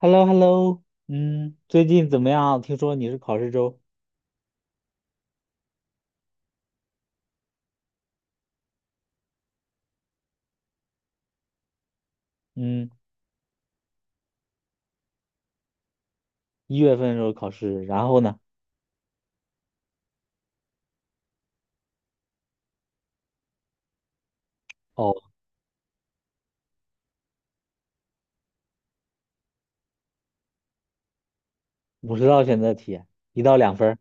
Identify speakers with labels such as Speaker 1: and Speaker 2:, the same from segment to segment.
Speaker 1: h e l l o h e l l o 嗯，最近怎么样？听说你是考试周。嗯，1月份的时候考试，然后呢？哦，50道选择题，1到2分儿。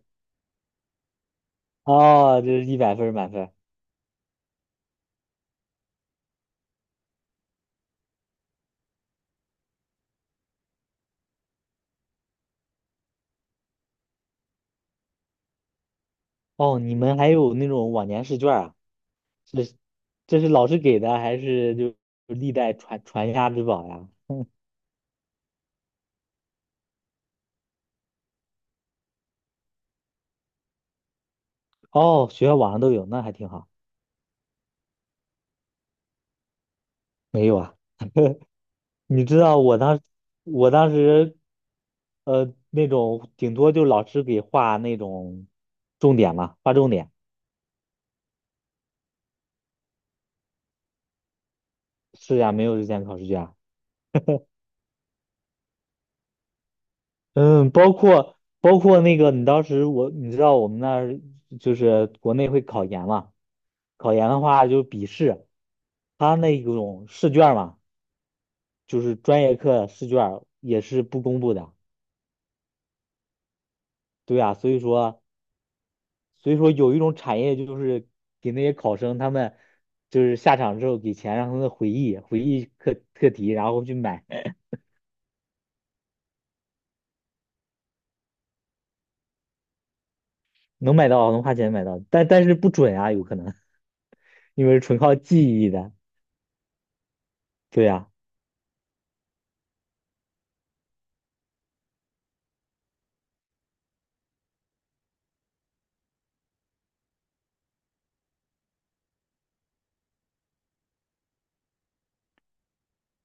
Speaker 1: 哦，这是一百分儿满分儿。哦，你们还有那种往年试卷儿啊？是，这是老师给的，还是就历代传传家之宝呀？嗯。哦，学校网上都有，那还挺好。没有啊？你知道我当时，那种顶多就老师给画那种重点嘛，画重点。是呀，没有日间考试卷啊。嗯，包括那个，你知道我们那儿就是国内会考研嘛，考研的话就是笔试，他那种试卷嘛，就是专业课试卷也是不公布的。对呀，所以说有一种产业就是给那些考生他们就是下场之后给钱让他们回忆回忆课题，然后去买。能花钱买到，但是不准啊，有可能因为是纯靠记忆的。对呀。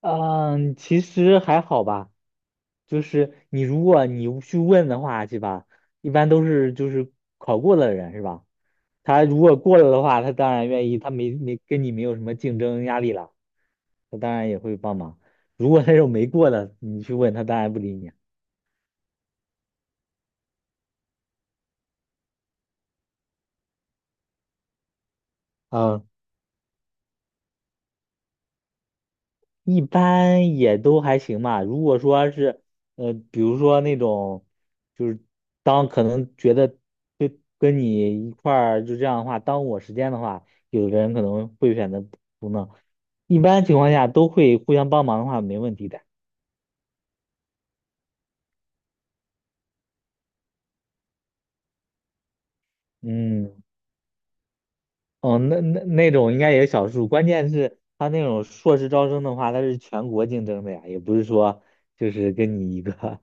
Speaker 1: 嗯，其实还好吧，就是你如果去问的话，是吧？一般都是就是考过的人，是吧？他如果过了的话，他当然愿意，他没跟你没有什么竞争压力了，他当然也会帮忙。如果那种没过的，你去问他，当然不理你。一般也都还行吧。如果说是，比如说那种，就是当可能觉得跟你一块儿就这样的话，耽误我时间的话，有的人可能会选择不弄。一般情况下都会互相帮忙的话，没问题的。嗯，哦，那种应该也是少数。关键是他那种硕士招生的话，他是全国竞争的呀，也不是说就是跟你一个。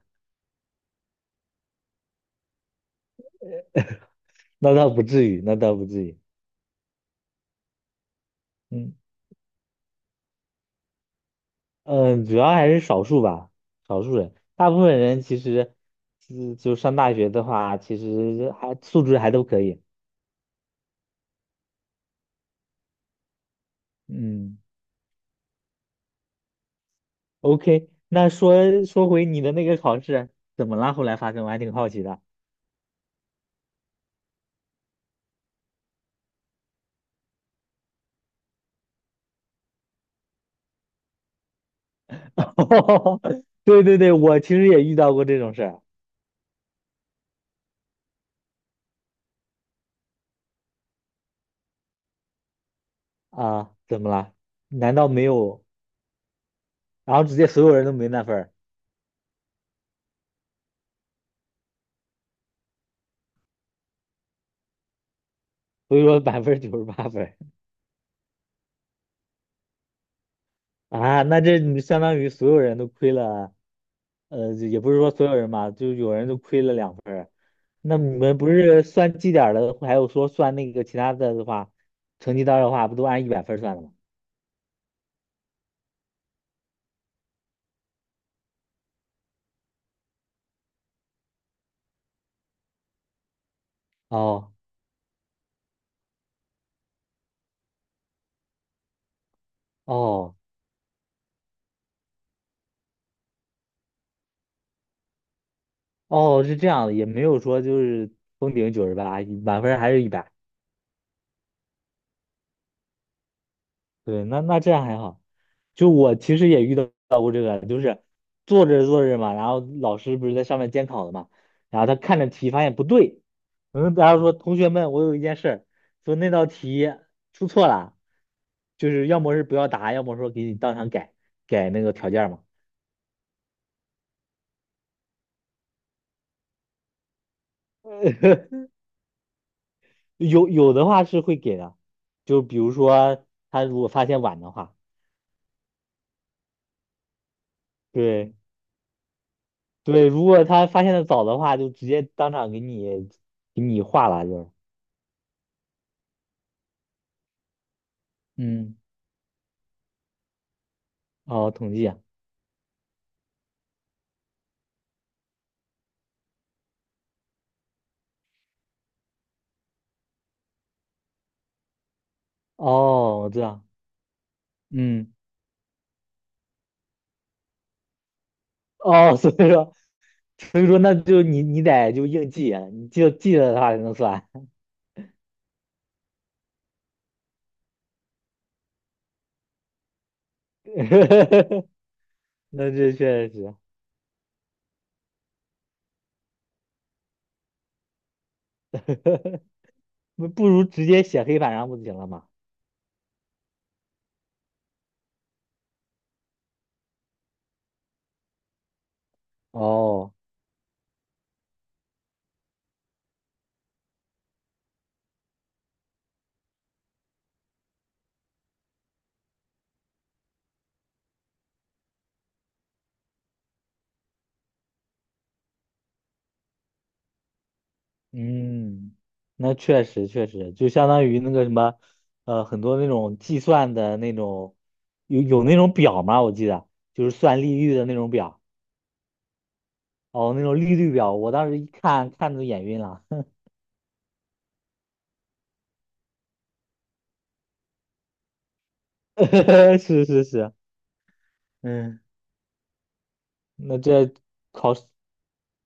Speaker 1: 那倒不至于，那倒不至于。嗯。嗯，主要还是少数吧，少数人，大部分人其实，就上大学的话，其实还素质还都可以。嗯，OK，那说回你的那个考试，怎么了？后来发生，我还挺好奇的。对对对，我其实也遇到过这种事儿。啊，怎么了？难道没有？然后直接所有人都没那分儿，所以说98%分儿。啊，那这你相当于所有人都亏了。也不是说所有人嘛，就有人就亏了两分儿。那你们不是算绩点儿的，还有说算那个其他的的话，成绩单儿的话，不都按一百分儿算的吗？哦哦哦，是这样的，也没有说就是封顶九十八，满分儿还是一百。对，那那这样还好。就我其实也遇到过这个，就是做着做着嘛，然后老师不是在上面监考的嘛，然后他看着题发现不对。嗯，然后说同学们，我有一件事儿，说那道题出错了，就是要么是不要答，要么说给你当场改那个条件嘛。有的话是会给的，就比如说他如果发现晚的话，对对，如果他发现的早的话，就直接当场给你划了，就是嗯。哦，统计啊。哦，我知道。嗯，哦，所以说，所以说，那就你你得就硬记啊你就记得的话才能算。那这确实 不如直接写黑板上不就行了吗？哦，嗯，那确实确实，就相当于那个什么，很多那种计算的那种，有那种表吗？我记得就是算利率的那种表。哦，那种利率表，我当时一看都眼晕了。是是是。嗯，那这考试。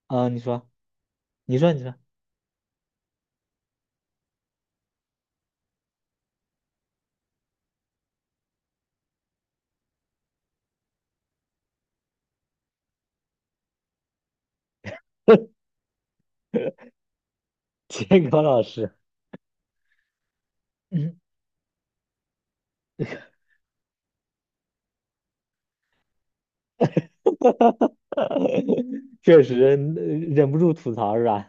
Speaker 1: 啊，你说，你说，你说。监考老师，嗯，确实。嗯，忍不住吐槽是吧？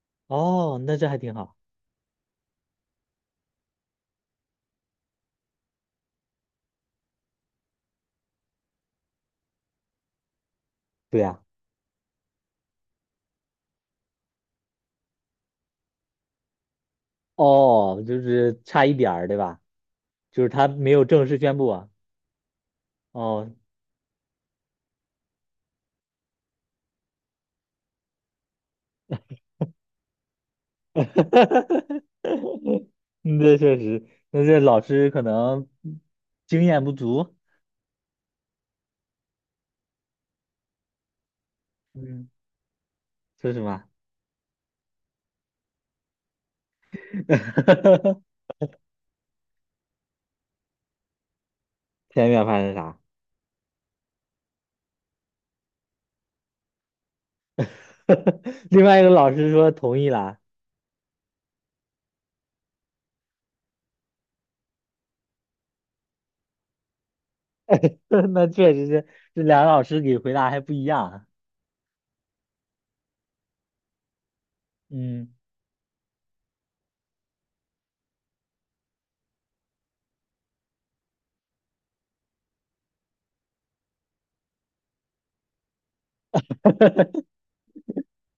Speaker 1: 哦，那这还挺好。对呀。哦，就是差一点儿，对吧？就是他没有正式宣布啊。哦，嗯，这确实，那这老师可能经验不足。嗯，说什么？田园发生啥？另外一个老师说同意啦。那确实是，这两个老师给回答还不一样。嗯，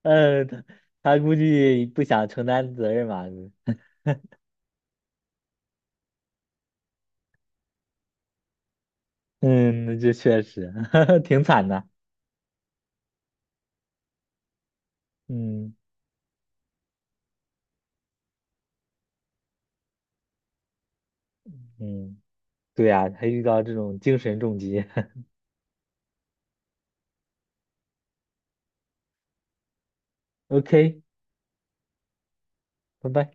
Speaker 1: 呃，他他估计不想承担责任吧。嗯，那这确实 挺惨的。嗯嗯，对呀，他遇到这种精神重击。OK，拜拜。